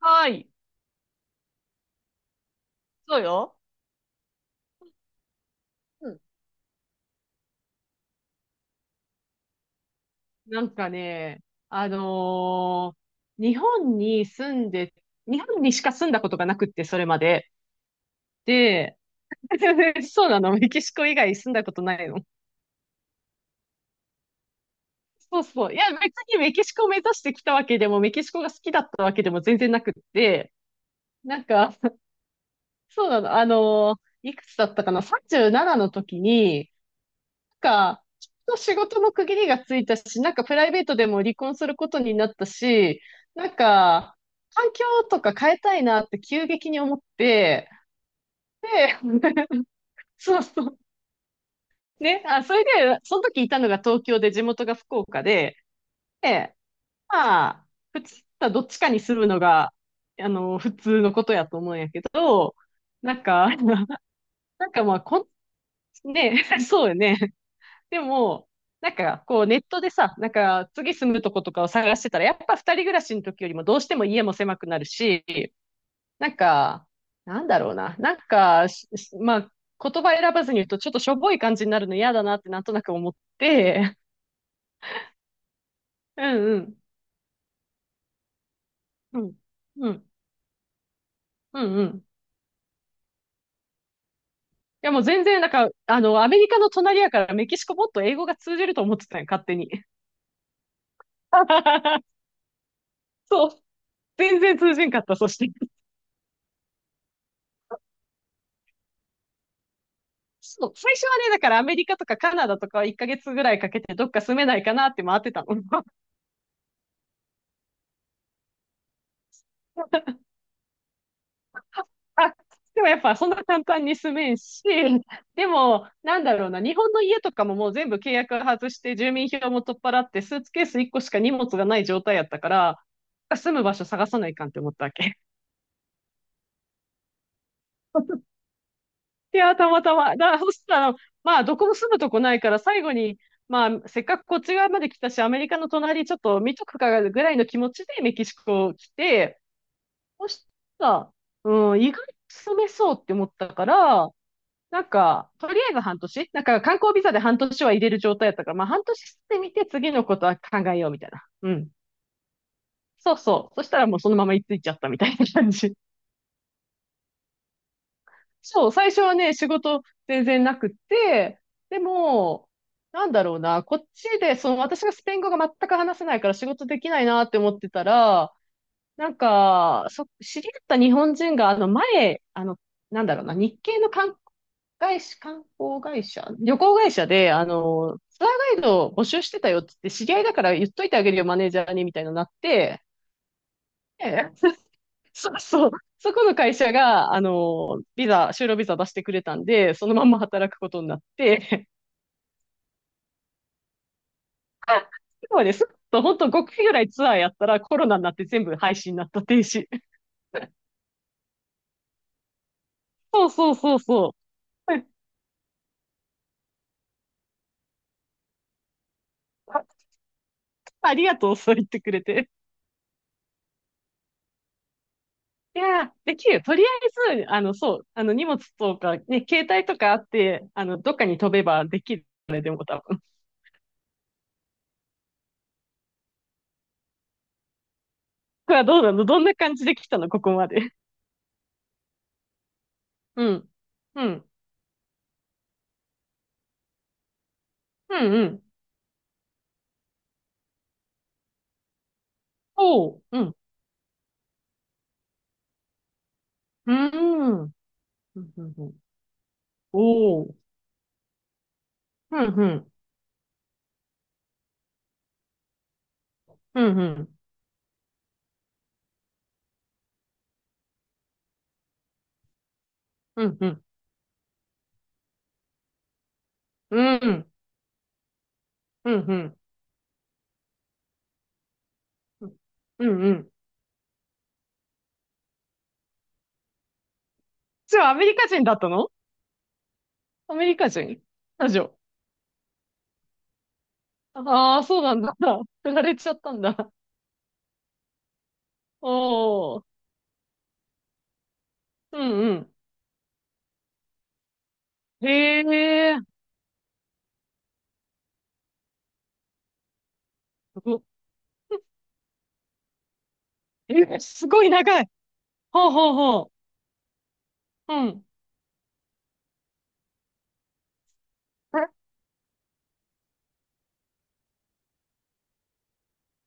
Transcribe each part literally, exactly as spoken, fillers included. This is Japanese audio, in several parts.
はい。そうよ。うん。なんかね、あのー日本に住んで、日本にしか住んだことがなくって、それまで。で、そうなの、メキシコ以外住んだことないの。そうそう。いや、別にメキシコを目指してきたわけでも、メキシコが好きだったわけでも全然なくって、なんか、そうなの、あのーいくつだったかな？ さんじゅうなな の時に、か、きっと仕事の区切りがついたし、なんかプライベートでも離婚することになったし、なんか、環境とか変えたいなって急激に思って、で、そうそう。ね、あ、それで、その時いたのが東京で地元が福岡で、で、まあ、普通はどっちかに住むのが、あの、普通のことやと思うんやけど、なんか、なんかまあ、こん、ね、そうよね。でも、なんか、こう、ネットでさ、なんか、次住むとことかを探してたら、やっぱふたりぐらしの時よりもどうしても家も狭くなるし、なんか、なんだろうな。なんか、ししまあ、言葉選ばずに言うと、ちょっとしょぼい感じになるの嫌だなってなんとなく思って、うんうん。うん。うん。うんうん。いやもう全然、なんか、あの、アメリカの隣やからメキシコもっと英語が通じると思ってたんよ、勝手に。そう。全然通じんかった、そして。そう、最初はね、だからアメリカとかカナダとかはいっかげつぐらいかけてどっか住めないかなって回ってたの。あでもやっぱそんな簡単に住めんし、でもなんだろうな、日本の家とかももう全部契約外して住民票も取っ払ってスーツケースいっこしか荷物がない状態やったから、住む場所探さないかんって思ったわけ。いや、たまたま。だからそしたら、まあどこも住むとこないから最後に、まあ、せっかくこっち側まで来たし、アメリカの隣ちょっと見とくかぐらいの気持ちでメキシコ来て、そしたら、うん、意外と住めそうって思ったから、なんか、とりあえず半年、なんか観光ビザで半年は入れる状態だったから、まあ半年住んでみて次のことは考えようみたいな。うん。そうそう。そしたらもうそのまま居ついちゃったみたいな感じ。そう、最初はね、仕事全然なくって、でも、なんだろうな、こっちで、その私がスペイン語が全く話せないから仕事できないなって思ってたら、なんか、そ、知り合った日本人が、あの、前、あの、なんだろうな、日系の観光会社観光会社、旅行会社で、あの、ツアーガイドを募集してたよって言って知り合いだから言っといてあげるよ、マネージャーに、みたいなのになって、ええ そうそう、そこの会社が、あの、ビザ、就労ビザ出してくれたんで、そのまんま働くことになって、そうです。と、本当ごかいぐらいツアーやったらコロナになって全部廃止になった停止。そうそうそうそう。ありがとう、そう言ってくれて。いやー、できるよ。とりあえず、あの、そう、あの、荷物とか、ね、携帯とかあって、あの、どっかに飛べばできる。ねでも多分。これはどうなのどんな感じで来たのここまで。うん。うん。うんうん。おう。うん。うん。うんうんうんおう。うんうん。うんうん。うんうん。うんうん。うんうん。うんうん。じゃあ、アメリカ人だったの？アメリカ人ラジオ。ああ、そうなんだ。振られちゃったんだ。おお。うんうん。へえ、すご、え、すごい長い。ほうほうほう。うん。え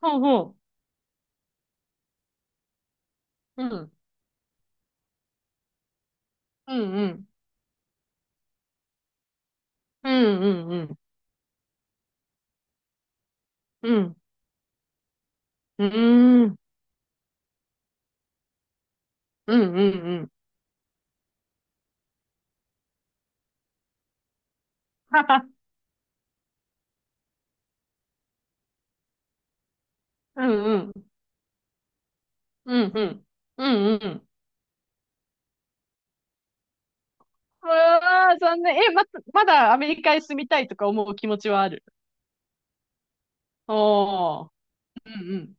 ほうほう。うん。うんうん。うんうんうん。うん。うーん。うんうんうん。はは。うんうん。うんうん。うんうん。うわー、残念。え、ま、まだアメリカへ住みたいとか思う気持ちはある？おー。うんうん。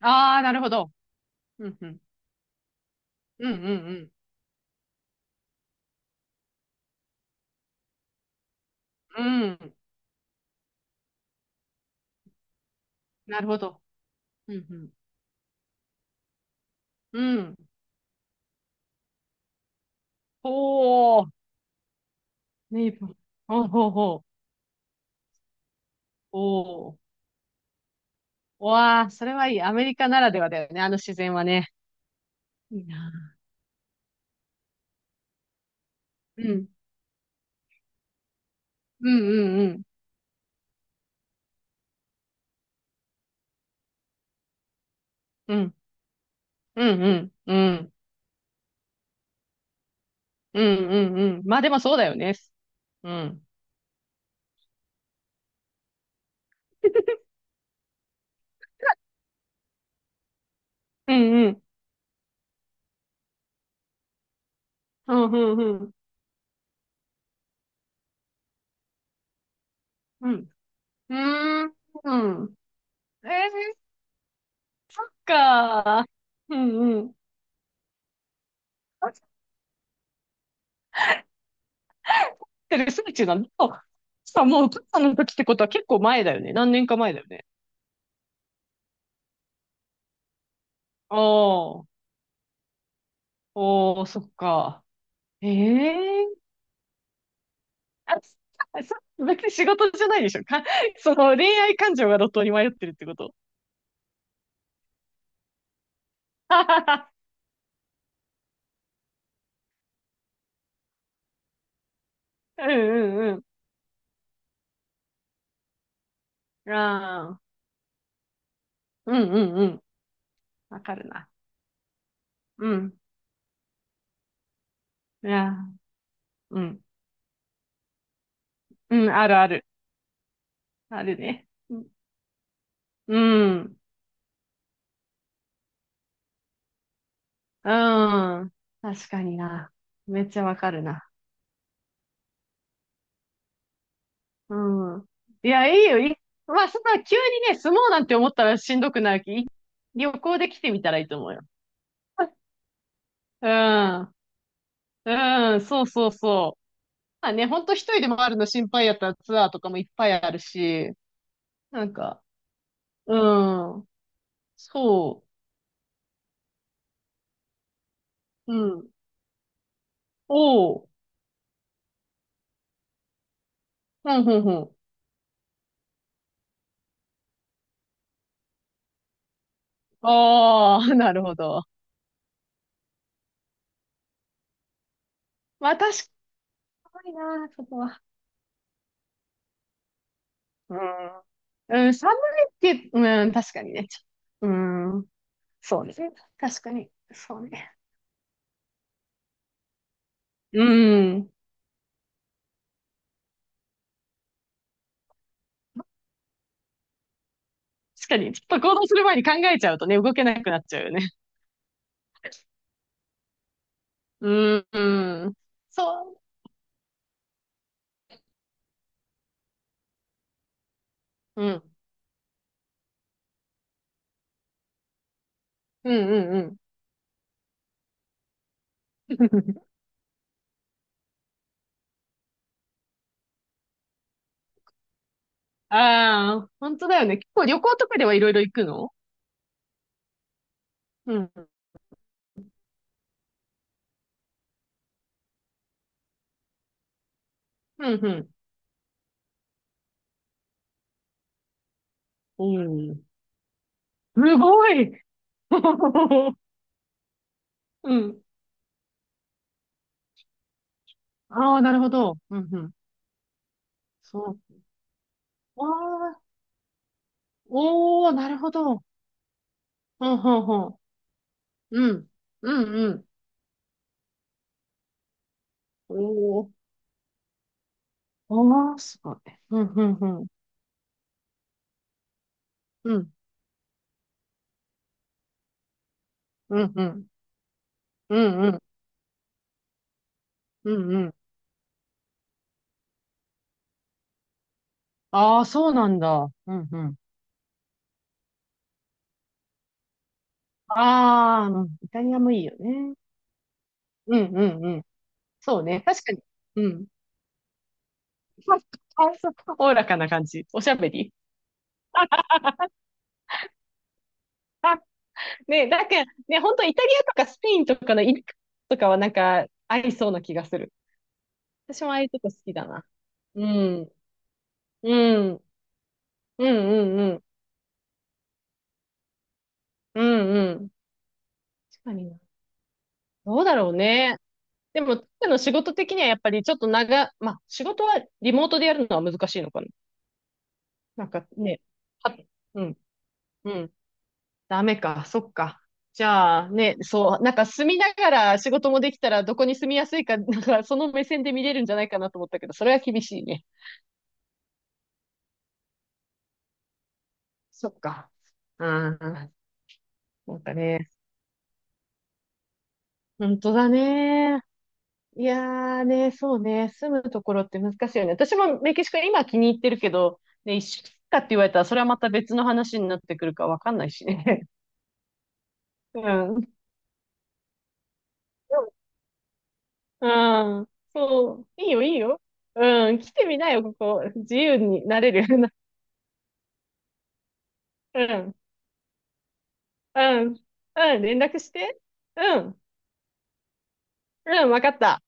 あー、なるほど。うんうん。うんうんうん。うん。なるほど。うんうん。うん。ほー。ネイバー。ほうほうほう。おお。うわあ、それはいい。アメリカならではだよね。あの自然はね。いいな。うん。うんうんうん。うん。うんうんうん。うんうんうん。まあでもそうだよね。うん。うんうん。うんうんうん。うん。うーん。うんえー、そっか。うんうんうんうんうーんえーっかうんうんあってる最中なんだ。さあ、もう、お母さんの時ってことは結構前だよね。何年か前だよね。ああ、おー、そっか。ええ あ、そ別に仕事じゃないでしょ。か、その恋愛感情が路頭に迷ってるってこと？うんうんうん。ああ、うんうんうん。わかるな。うん。いや、うん。うん、あるある。あるね。うん。うん。うん確かにな。めっちゃわかるな。うん。いや、いいよ。いまあ、そんな急にね、住もうなんて思ったらしんどくなるき、旅行で来てみたらいいと思うよ。うん。うん、そうそうそう。まあね、ほんと一人で回るの心配やったらツアーとかもいっぱいあるし、なんか、うん、そう、うん、おう、ほんほんほん。ああ、なるほど。まあ確かにな、そこは。うん、うん、寒いって、うん、確かにね。うん、そうね。確かに、そうね。うん、確かに、ちょっと行動する前に考えちゃうとね、動けなくなっちゃうよね。うん、うん、そう、うん、うん、うん、うん。ああ、本当だよね。結構旅行とかではいろいろ行くの？うん。うん、うん。うん。すごい うん。ああ、なるほど。うん、うん。そう。ああ、おお、なるほど。うん、ほんほん。うん。うん、うん。おお。ああ、すごい。うん、うん、うん。うん、うん、うん。うん、うん。うんうんああ、そうなんだ。うん、うん。ああ、うんイタリアもいいよね。うん、うん、うん。そうね。確かに。うん。あそうおおらかな感じ。おしゃべり。ね、なんか、ね、本当イタリアとかスペインとかのイルカとかはなんか、合いそうな気がする。私もああいうとこ好きだな。うん。うん。うんうんうん。うんうん。確かにな。どうだろうね。でも、彼の仕事的にはやっぱりちょっと長、まあ、仕事はリモートでやるのは難しいのかな。なんかね、は、うん、うん。ダメか、そっか。じゃあね、そう、なんか住みながら仕事もできたらどこに住みやすいか、なんかその目線で見れるんじゃないかなと思ったけど、それは厳しいね。そっか。うん、なんかね、本当だね。いやーね、そうね、住むところって難しいよね。私もメキシコ今気に入ってるけど、ね、いっしゅうかんかって言われたらそれはまた別の話になってくるかわかんないしね。うん。うん。そう。いいよ、いいよ。うん。来てみなよ、ここ。自由になれる。うん、うん、うん、連絡して。うん、うん、わかった。